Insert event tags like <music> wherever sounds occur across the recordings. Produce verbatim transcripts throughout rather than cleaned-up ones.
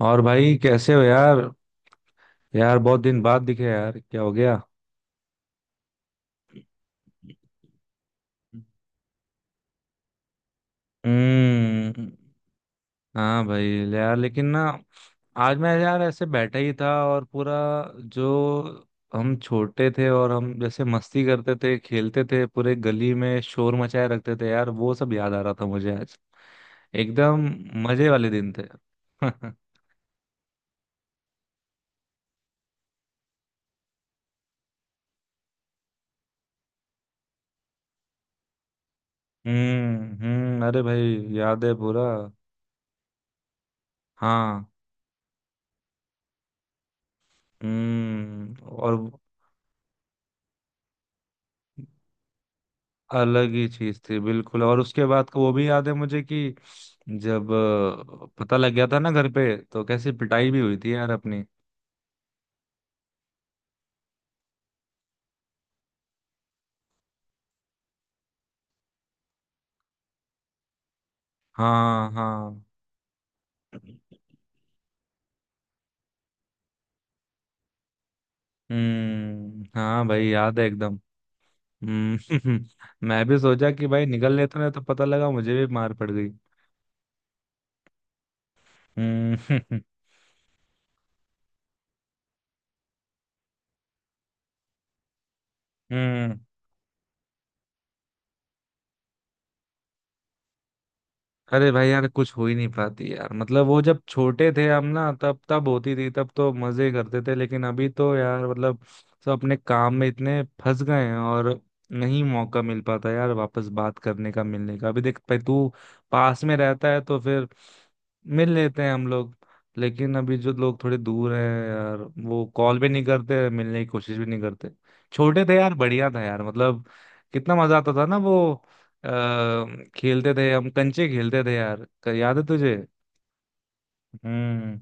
और भाई कैसे हो यार? यार बहुत दिन बाद दिखे यार, क्या हो गया? हम्म। हाँ भाई। यार लेकिन ना। आज मैं यार ऐसे बैठा ही था और पूरा, जो हम छोटे थे और हम जैसे मस्ती करते थे, खेलते थे, पूरे गली में शोर मचाए रखते थे यार, वो सब याद आ रहा था मुझे आज। एकदम। मजे वाले दिन थे। <laughs> हम्म। हम्म, अरे भाई, याद है पूरा। हाँ। हम्म, और। अलग ही चीज थी बिल्कुल, और उसके बाद का वो भी याद है मुझे कि जब अ, पता लग गया था ना घर पे, तो कैसी पिटाई भी हुई थी यार अपनी। हाँ हाँ। हम्म, हाँ भाई, याद है एकदम। हम्म। <laughs> मैं भी सोचा कि भाई निकल लेते ना, तो पता लगा मुझे भी मार पड़ गई। हम्म। <laughs> हम्म। अरे भाई यार, कुछ हो ही नहीं पाती यार, मतलब वो जब छोटे थे हम ना, तब तब होती थी, तब तो मजे करते थे, लेकिन अभी तो यार, मतलब। सब अपने काम में इतने फंस गए हैं, और। नहीं मौका मिल पाता यार वापस बात करने का, मिलने का। अभी देख भाई, तू पास में रहता है तो फिर मिल लेते हैं हम लोग। लेकिन अभी जो लोग थोड़े दूर हैं यार, वो कॉल भी नहीं करते, मिलने की कोशिश भी नहीं करते। छोटे थे यार, बढ़िया था यार, मतलब। कितना मजा आता था ना, वो। अ, खेलते थे हम, कंचे खेलते थे यार, क- याद है तुझे? हम्म।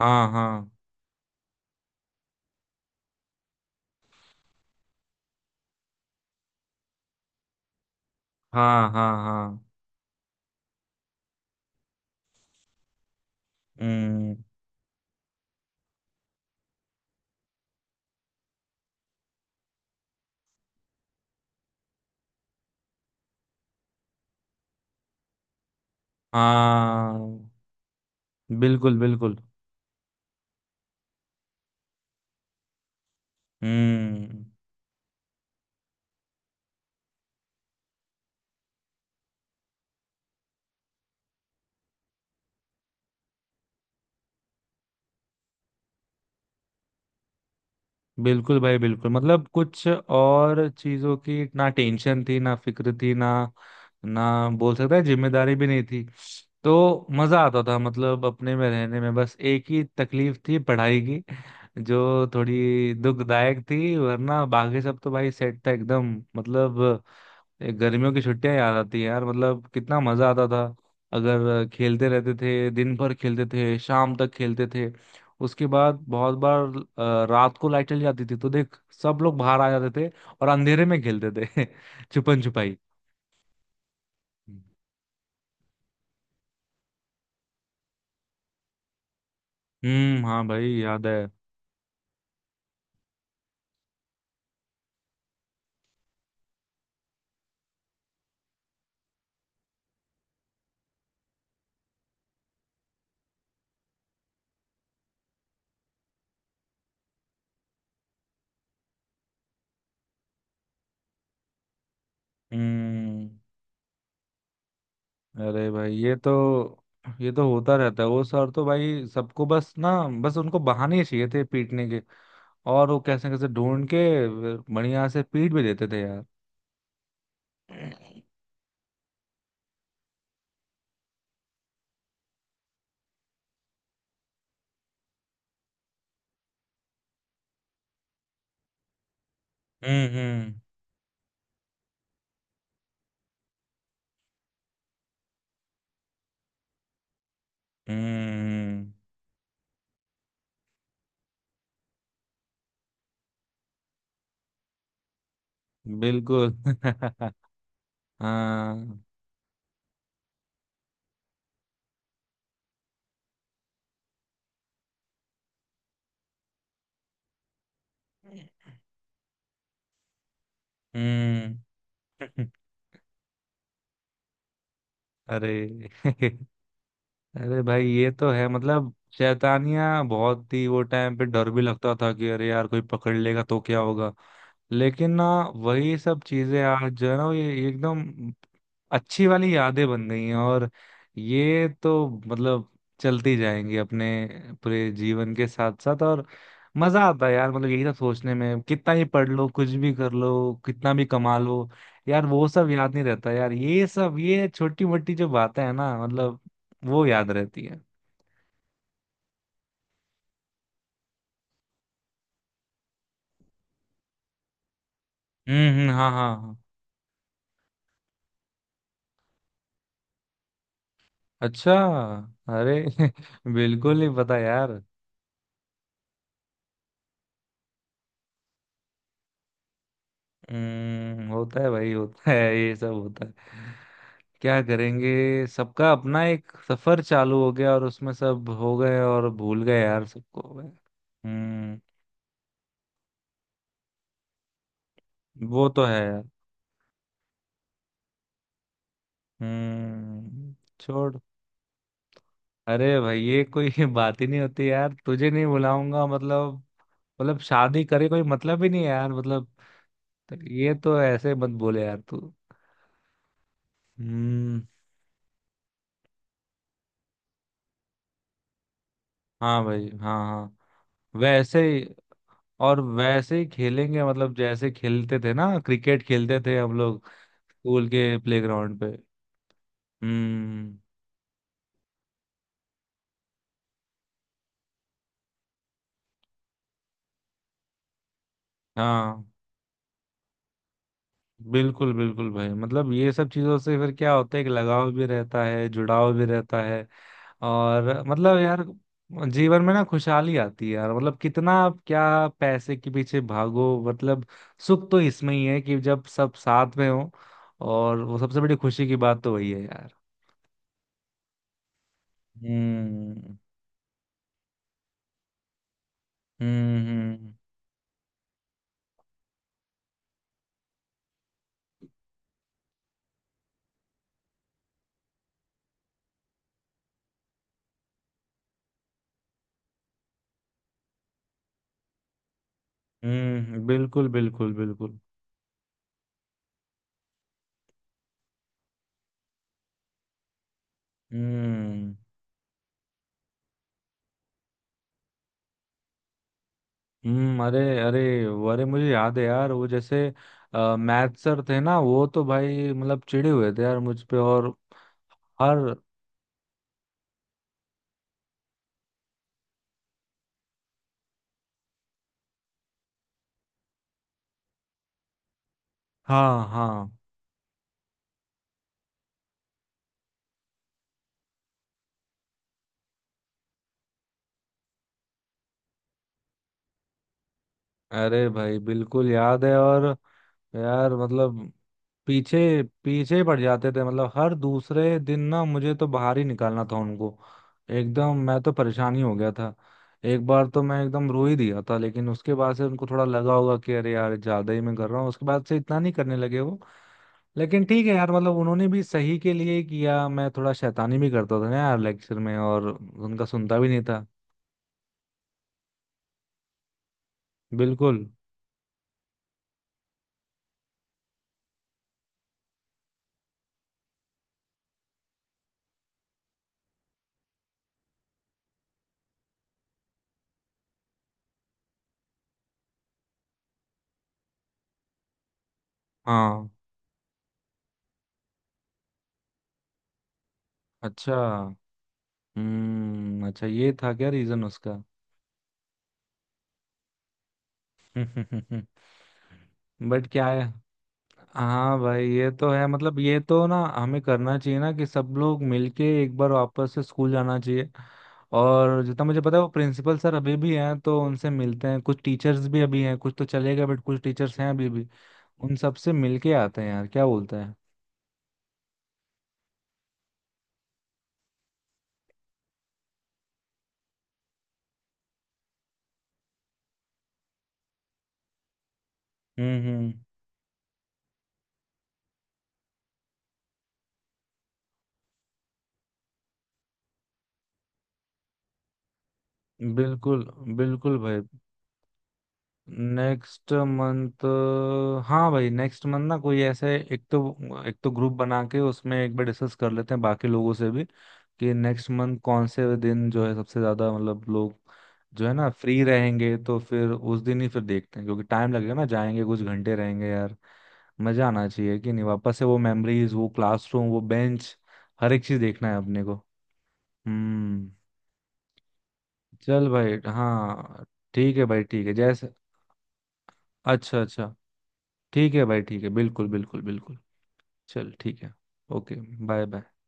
हाँ, हाँ, हाँ, हाँ, हाँ। हम्म, हाँ। बिल्कुल बिल्कुल। हम्म। बिल्कुल भाई बिल्कुल, मतलब कुछ और चीजों की ना टेंशन थी, ना फिक्र थी, ना ना बोल सकता है, जिम्मेदारी भी नहीं थी। तो मजा आता था, मतलब अपने में रहने में, बस एक ही तकलीफ थी पढ़ाई की, जो थोड़ी दुखदायक थी, वरना बाकी सब तो भाई सेट था एकदम, मतलब। ये गर्मियों की छुट्टियां याद आती है यार, मतलब कितना मजा आता था। अगर खेलते रहते थे, दिन भर खेलते थे, शाम तक खेलते थे। उसके बाद बहुत बार, अ, रात को लाइट चली जाती थी, तो देख सब लोग बाहर आ जाते थे, और अंधेरे में खेलते थे <laughs> छुपन छुपाई। हम्म, हाँ भाई, याद है। हम्म, अरे भाई, ये तो ये तो होता रहता है, वो सर तो भाई सबको, बस ना। बस उनको बहाने चाहिए थे पीटने के, और वो कैसे कैसे ढूंढ के बढ़िया से पीट भी देते थे यार। हम्म हम्म। हम्म, बिल्कुल। <laughs> हाँ। हम्म। <laughs> अरे। <laughs> अरे भाई ये तो है, मतलब शैतानियां बहुत, ही वो टाइम पे डर भी लगता था कि अरे यार कोई पकड़ लेगा तो क्या होगा। लेकिन ना वही सब चीजें आज जो है ना, ये ये एकदम अच्छी वाली यादें बन गई हैं, और ये तो मतलब चलती जाएंगी अपने पूरे जीवन के साथ साथ, और मजा आता है यार, मतलब यही सब सोचने में, कितना ही पढ़ लो, कुछ भी कर लो, कितना भी कमा लो यार, वो सब याद नहीं रहता यार, ये सब ये छोटी मोटी जो बातें हैं ना, मतलब वो याद रहती है। हम्म हम्म, हाँ हाँ हाँ। अच्छा। अरे <laughs> बिल्कुल नहीं पता यार। हम्म, होता है भाई, होता है, ये सब होता है। क्या करेंगे, सबका अपना एक सफर चालू हो गया, और उसमें सब हो गए और भूल गए यार सबको। हम्म। वो तो है यार। हम्म। छोड़। अरे भाई, ये कोई <laughs> बात ही नहीं होती यार, तुझे नहीं बुलाऊंगा मतलब, मतलब शादी करे कोई, मतलब ही नहीं है यार मतलब। तो ये तो ऐसे मत बोले यार तू। हम्म। हाँ भाई, हाँ हाँ। वैसे ही, और वैसे ही खेलेंगे, मतलब जैसे खेलते थे ना, क्रिकेट खेलते थे हम लोग स्कूल के प्लेग्राउंड पे। हम्म। हाँ। बिल्कुल बिल्कुल भाई, मतलब ये सब चीजों से फिर क्या होता है कि लगाव भी रहता है, जुड़ाव भी रहता है, और मतलब यार जीवन में ना खुशहाली आती है यार, मतलब कितना आप क्या पैसे के पीछे भागो, मतलब सुख तो इसमें ही है कि जब सब साथ में हो, और वो सबसे बड़ी खुशी की बात तो वही है यार। हम्म हम्म। हम्म, बिल्कुल बिल्कुल बिल्कुल। हम्म। हम्म, अरे अरे। अरे मुझे याद है यार, वो जैसे मैथ सर थे ना, वो तो भाई मतलब चिढ़े हुए थे यार मुझ पे, और हर हाँ हाँ। अरे भाई बिल्कुल याद है, और यार मतलब पीछे पीछे ही पड़ जाते थे, मतलब हर दूसरे दिन ना, मुझे तो बाहर ही निकालना था उनको, एकदम। मैं तो परेशान ही हो गया था। एक बार तो मैं एकदम रो ही दिया था, लेकिन उसके बाद से उनको थोड़ा लगा होगा कि अरे यार ज्यादा ही मैं कर रहा हूँ, उसके बाद से इतना नहीं करने लगे वो। लेकिन ठीक है यार, मतलब उन्होंने भी सही के लिए ही किया, मैं थोड़ा शैतानी भी करता था ना यार लेक्चर में, और उनका सुनता भी नहीं था। बिल्कुल। हाँ। अच्छा। हम्म, अच्छा, ये था क्या रीजन उसका? <laughs> बट क्या है। हाँ भाई ये तो है, मतलब ये तो ना हमें करना चाहिए ना कि सब लोग मिलके एक बार वापस से स्कूल जाना चाहिए। और जितना मुझे पता है वो प्रिंसिपल सर अभी भी हैं, तो उनसे मिलते हैं, कुछ टीचर्स भी अभी हैं, कुछ तो चले गए, बट कुछ टीचर्स हैं अभी भी। उन सबसे मिलके आते हैं यार, क्या बोलते हैं? हम्म हम्म। बिल्कुल बिल्कुल भाई। Next month. हाँ भाई, नेक्स्ट मंथ ना कोई ऐसे, एक तो एक तो ग्रुप बना के उसमें एक बार डिस्कस कर लेते हैं बाकी लोगों से भी, कि नेक्स्ट मंथ कौन से दिन जो है सबसे ज्यादा, मतलब लोग जो है ना फ्री रहेंगे, तो फिर उस दिन ही फिर देखते हैं, क्योंकि टाइम लगेगा ना, जाएंगे कुछ घंटे रहेंगे यार। मजा आना चाहिए कि नहीं, वापस से वो मेमोरीज, वो क्लासरूम, वो बेंच, हर एक चीज देखना है अपने को। हम्म। चल भाई, हाँ। ठीक है भाई, ठीक है, जैसे। अच्छा अच्छा। ठीक है भाई, ठीक है, बिल्कुल बिल्कुल बिल्कुल। चल ठीक है। ओके। Bye bye.